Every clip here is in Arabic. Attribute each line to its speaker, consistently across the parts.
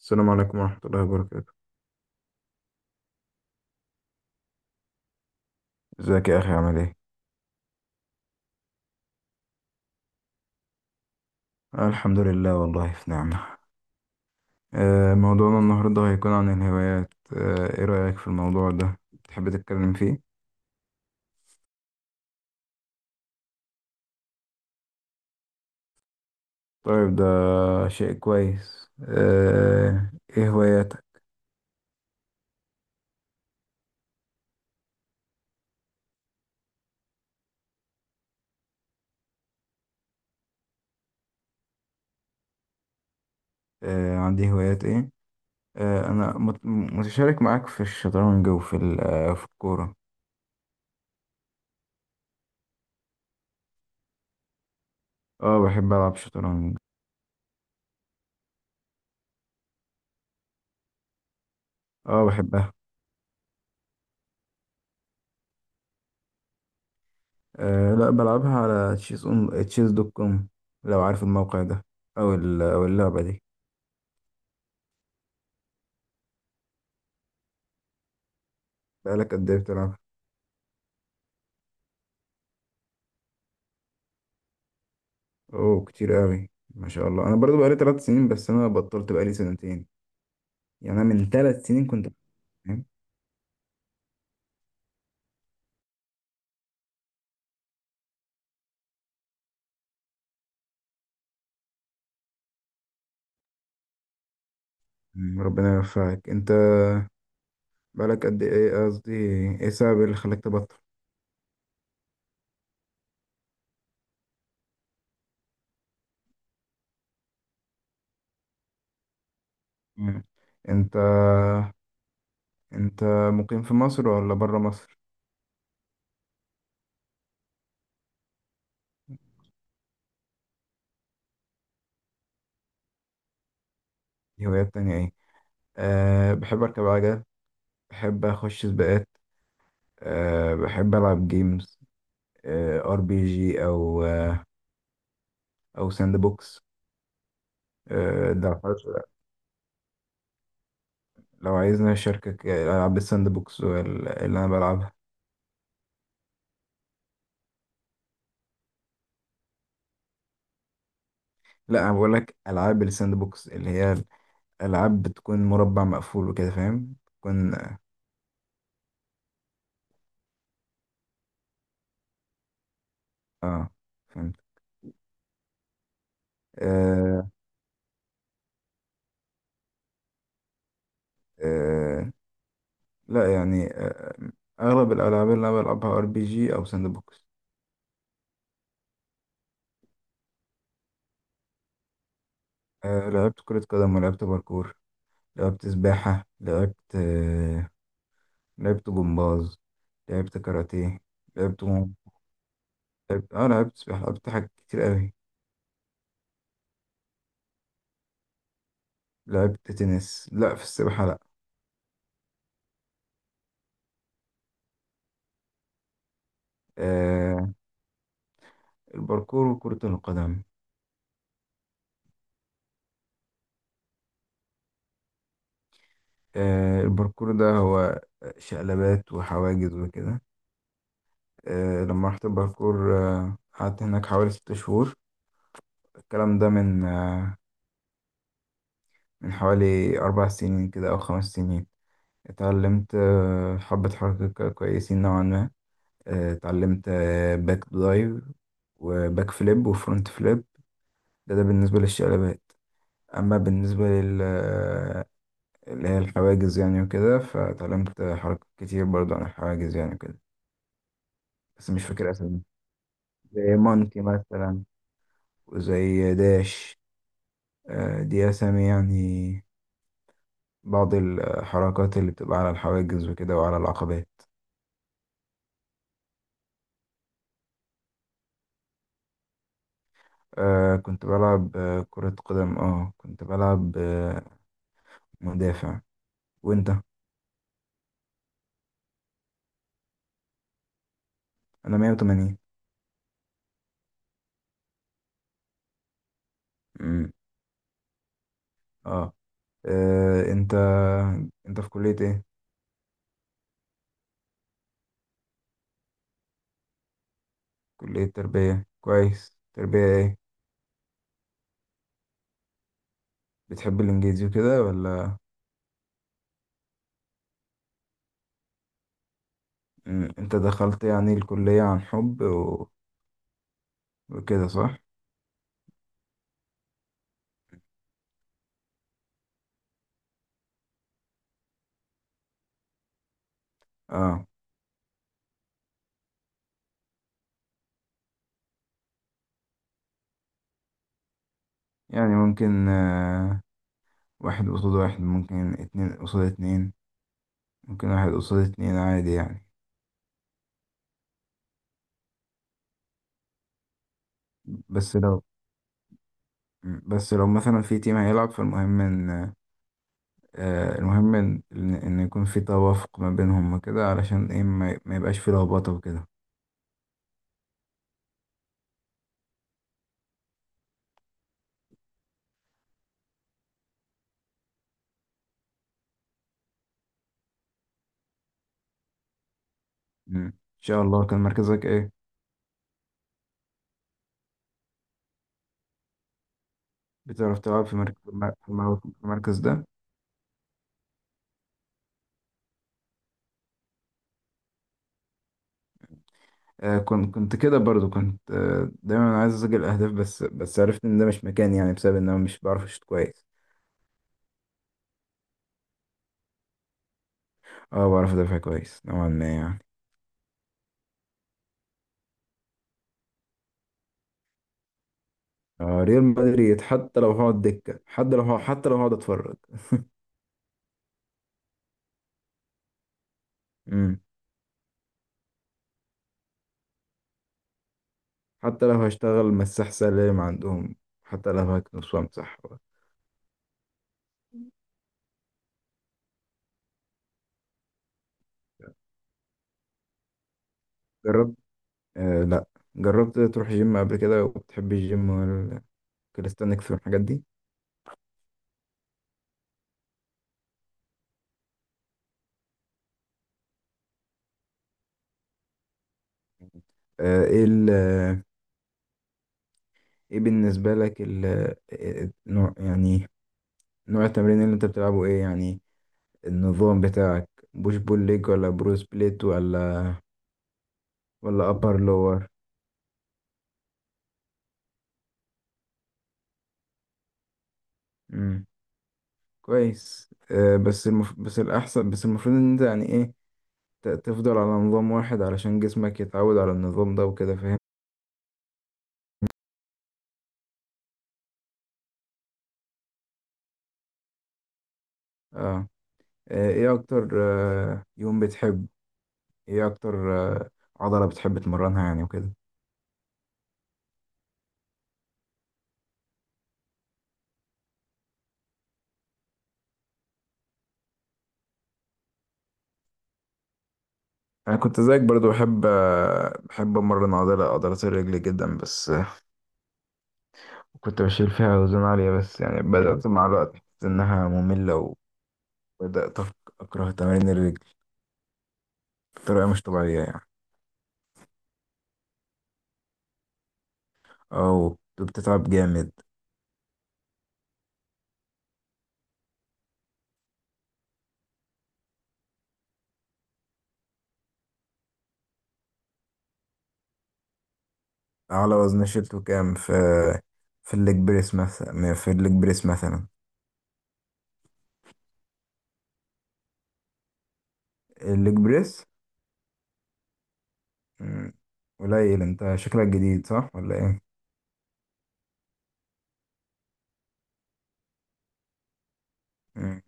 Speaker 1: السلام عليكم ورحمة الله وبركاته. ازيك يا اخي؟ عامل ايه؟ الحمد لله، والله في نعمة. موضوعنا النهاردة هيكون عن الهوايات. ايه رأيك في الموضوع ده؟ تحب تتكلم فيه؟ طيب ده شيء كويس. ايه هواياتك؟ عندي هوايات ايه. انا متشارك معاك في الشطرنج وفي في الكورة. اه، بحب ألعب شطرنج. اه بحبها. لا، بلعبها على تشيز، اون تشيز دوت كوم، لو عارف الموقع ده او اللعبة دي. بقالك قد ايه بتلعب؟ اوه، كتير قوي، ما شاء الله. انا برضو بقالي ثلاث سنين، بس انا بطلت بقالي سنتين. يعني انا من ثلاث سنين كنت بتمرن. ربنا يوفقك. انت بقالك قد ايه؟ قصدي ايه السبب اللي خلاك تبطل؟ مم. انت انت مقيم في مصر ولا بره مصر؟ دي هوايات تانية ايه؟ أه بحب اركب عجل، بحب اخش سباقات. أه بحب العب جيمز. أه ار بي جي او او ساند بوكس. أه ده لو عايزنا أشاركك ألعاب الساند بوكس اللي أنا بلعبها. لا، أنا بقولك ألعاب الساند بوكس اللي هي ألعاب بتكون مربع مقفول وكده، فاهم؟ بتكون آه فهمت. آه آه لا يعني، أغلب الألعاب اللي أنا بلعبها ار بي جي أو ساند بوكس. آه لعبت كرة قدم، ولعبت باركور، لعبت سباحة، لعبت لعبت جمباز، لعبت كاراتيه، لعبت مو لعبت لعبت سباحة، لعبت حاجات كتير أوي. لعبت تنس. لا، في السباحة لا. آه، الباركور وكرة القدم. الباركور ده هو شقلبات وحواجز وكده. لما رحت الباركور قعدت هناك حوالي ست شهور. الكلام ده من من حوالي أربع سنين كده أو خمس سنين. اتعلمت حبة حركة كويسين نوعا ما. اتعلمت باك دايف وباك فليب وفرونت فليب. ده بالنسبة للشقلبات. أما بالنسبة لل آه، اللي هي الحواجز، يعني وكده، فتعلمت حركات كتير برضو عن الحواجز يعني وكده، بس مش فاكر اسامي. زي مونكي مثلا وزي داش. دي اسامي يعني بعض الحركات اللي بتبقى على الحواجز وكده وعلى العقبات. آه كنت بلعب كرة قدم. اه كنت بلعب مدافع. وانت؟ انا 180. امم، اه. آه، انت انت في كلية ايه؟ كلية تربية. كويس، تربية ايه؟ بتحب الانجليزي وكده ولا؟ أمم، انت دخلت يعني الكلية عن حب وكده، صح؟ اه يعني ممكن، واحد قصاد واحد، ممكن اتنين قصاد اتنين، ممكن واحد قصاد اتنين عادي يعني. بس لو بس لو مثلا في تيم هيلعب، فالمهم ان المهم ان إن يكون في توافق ما بينهم وكده، علشان ايه ما يبقاش في لخبطة وكده. أمم، ان شاء الله. كان مركزك ايه؟ بتعرف تلعب في مركز؟ في المركز ده؟ كنت كده برضو، كنت دايما عايز اسجل اهداف، بس عرفت ان ده مش مكاني يعني، بسبب ان انا مش بعرف اشوط كويس. اه بعرف ادافع كويس نوعا ما يعني. آه ريال مدريد، حتى لو هقعد دكة، حتى لو هقعد اتفرج. امم، حتى لو هشتغل مساح سلام عندهم، حتى لو هكنس وامسح. جربت. لا. جربت تروح جيم قبل كده؟ وبتحب الجيم والكاليستانكس والحاجات دي؟ ايه ايه بالنسبة لك النوع يعني، نوع التمرين اللي انت بتلعبه ايه يعني؟ النظام بتاعك بوش بول ليج، ولا برو سبليت، ولا ابر لور؟ امم كويس. بس الاحسن، بس المفروض ان انت يعني ايه، تفضل على نظام واحد علشان جسمك يتعود على النظام ده وكده، فاهم؟ اه. ايه اكتر يوم بتحب، ايه اكتر عضلة بتحب تمرنها يعني وكده؟ انا كنت زيك برضو، بحب امرن عضلات الرجل جدا. بس كنت بشيل فيها أوزان عالية، بس يعني بدأت مع الوقت أحس إنها مملة، وبدأت أكره تمارين الرجل بطريقة مش طبيعية يعني. أو كنت بتتعب جامد. أعلى وزن شيلته كام في في الليج بريس مثلا؟ الليج بريس. مم، قليل. أنت شكلك جديد، صح ولا؟ إيه؟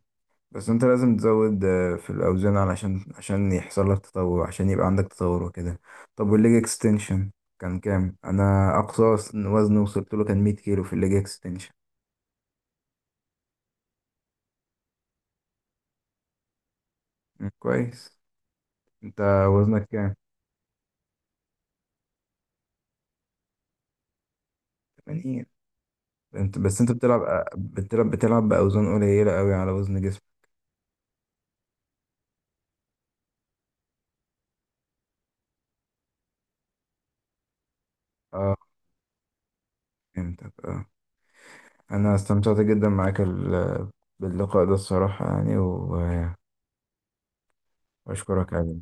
Speaker 1: بس انت لازم تزود في الاوزان، عشان يحصل لك تطور، عشان يبقى عندك تطور وكده. طب والليج اكستنشن كان كام؟ انا اقصى وزن وصلت له كان 100 كيلو في الليج اكستنشن. مم، كويس. انت وزنك كام؟ 80. انت بتلعب بتلعب باوزان قليله قوي على وزن جسمك. اه فهمتك. اه انا استمتعت جدا معاك باللقاء ده الصراحه، يعني واشكرك على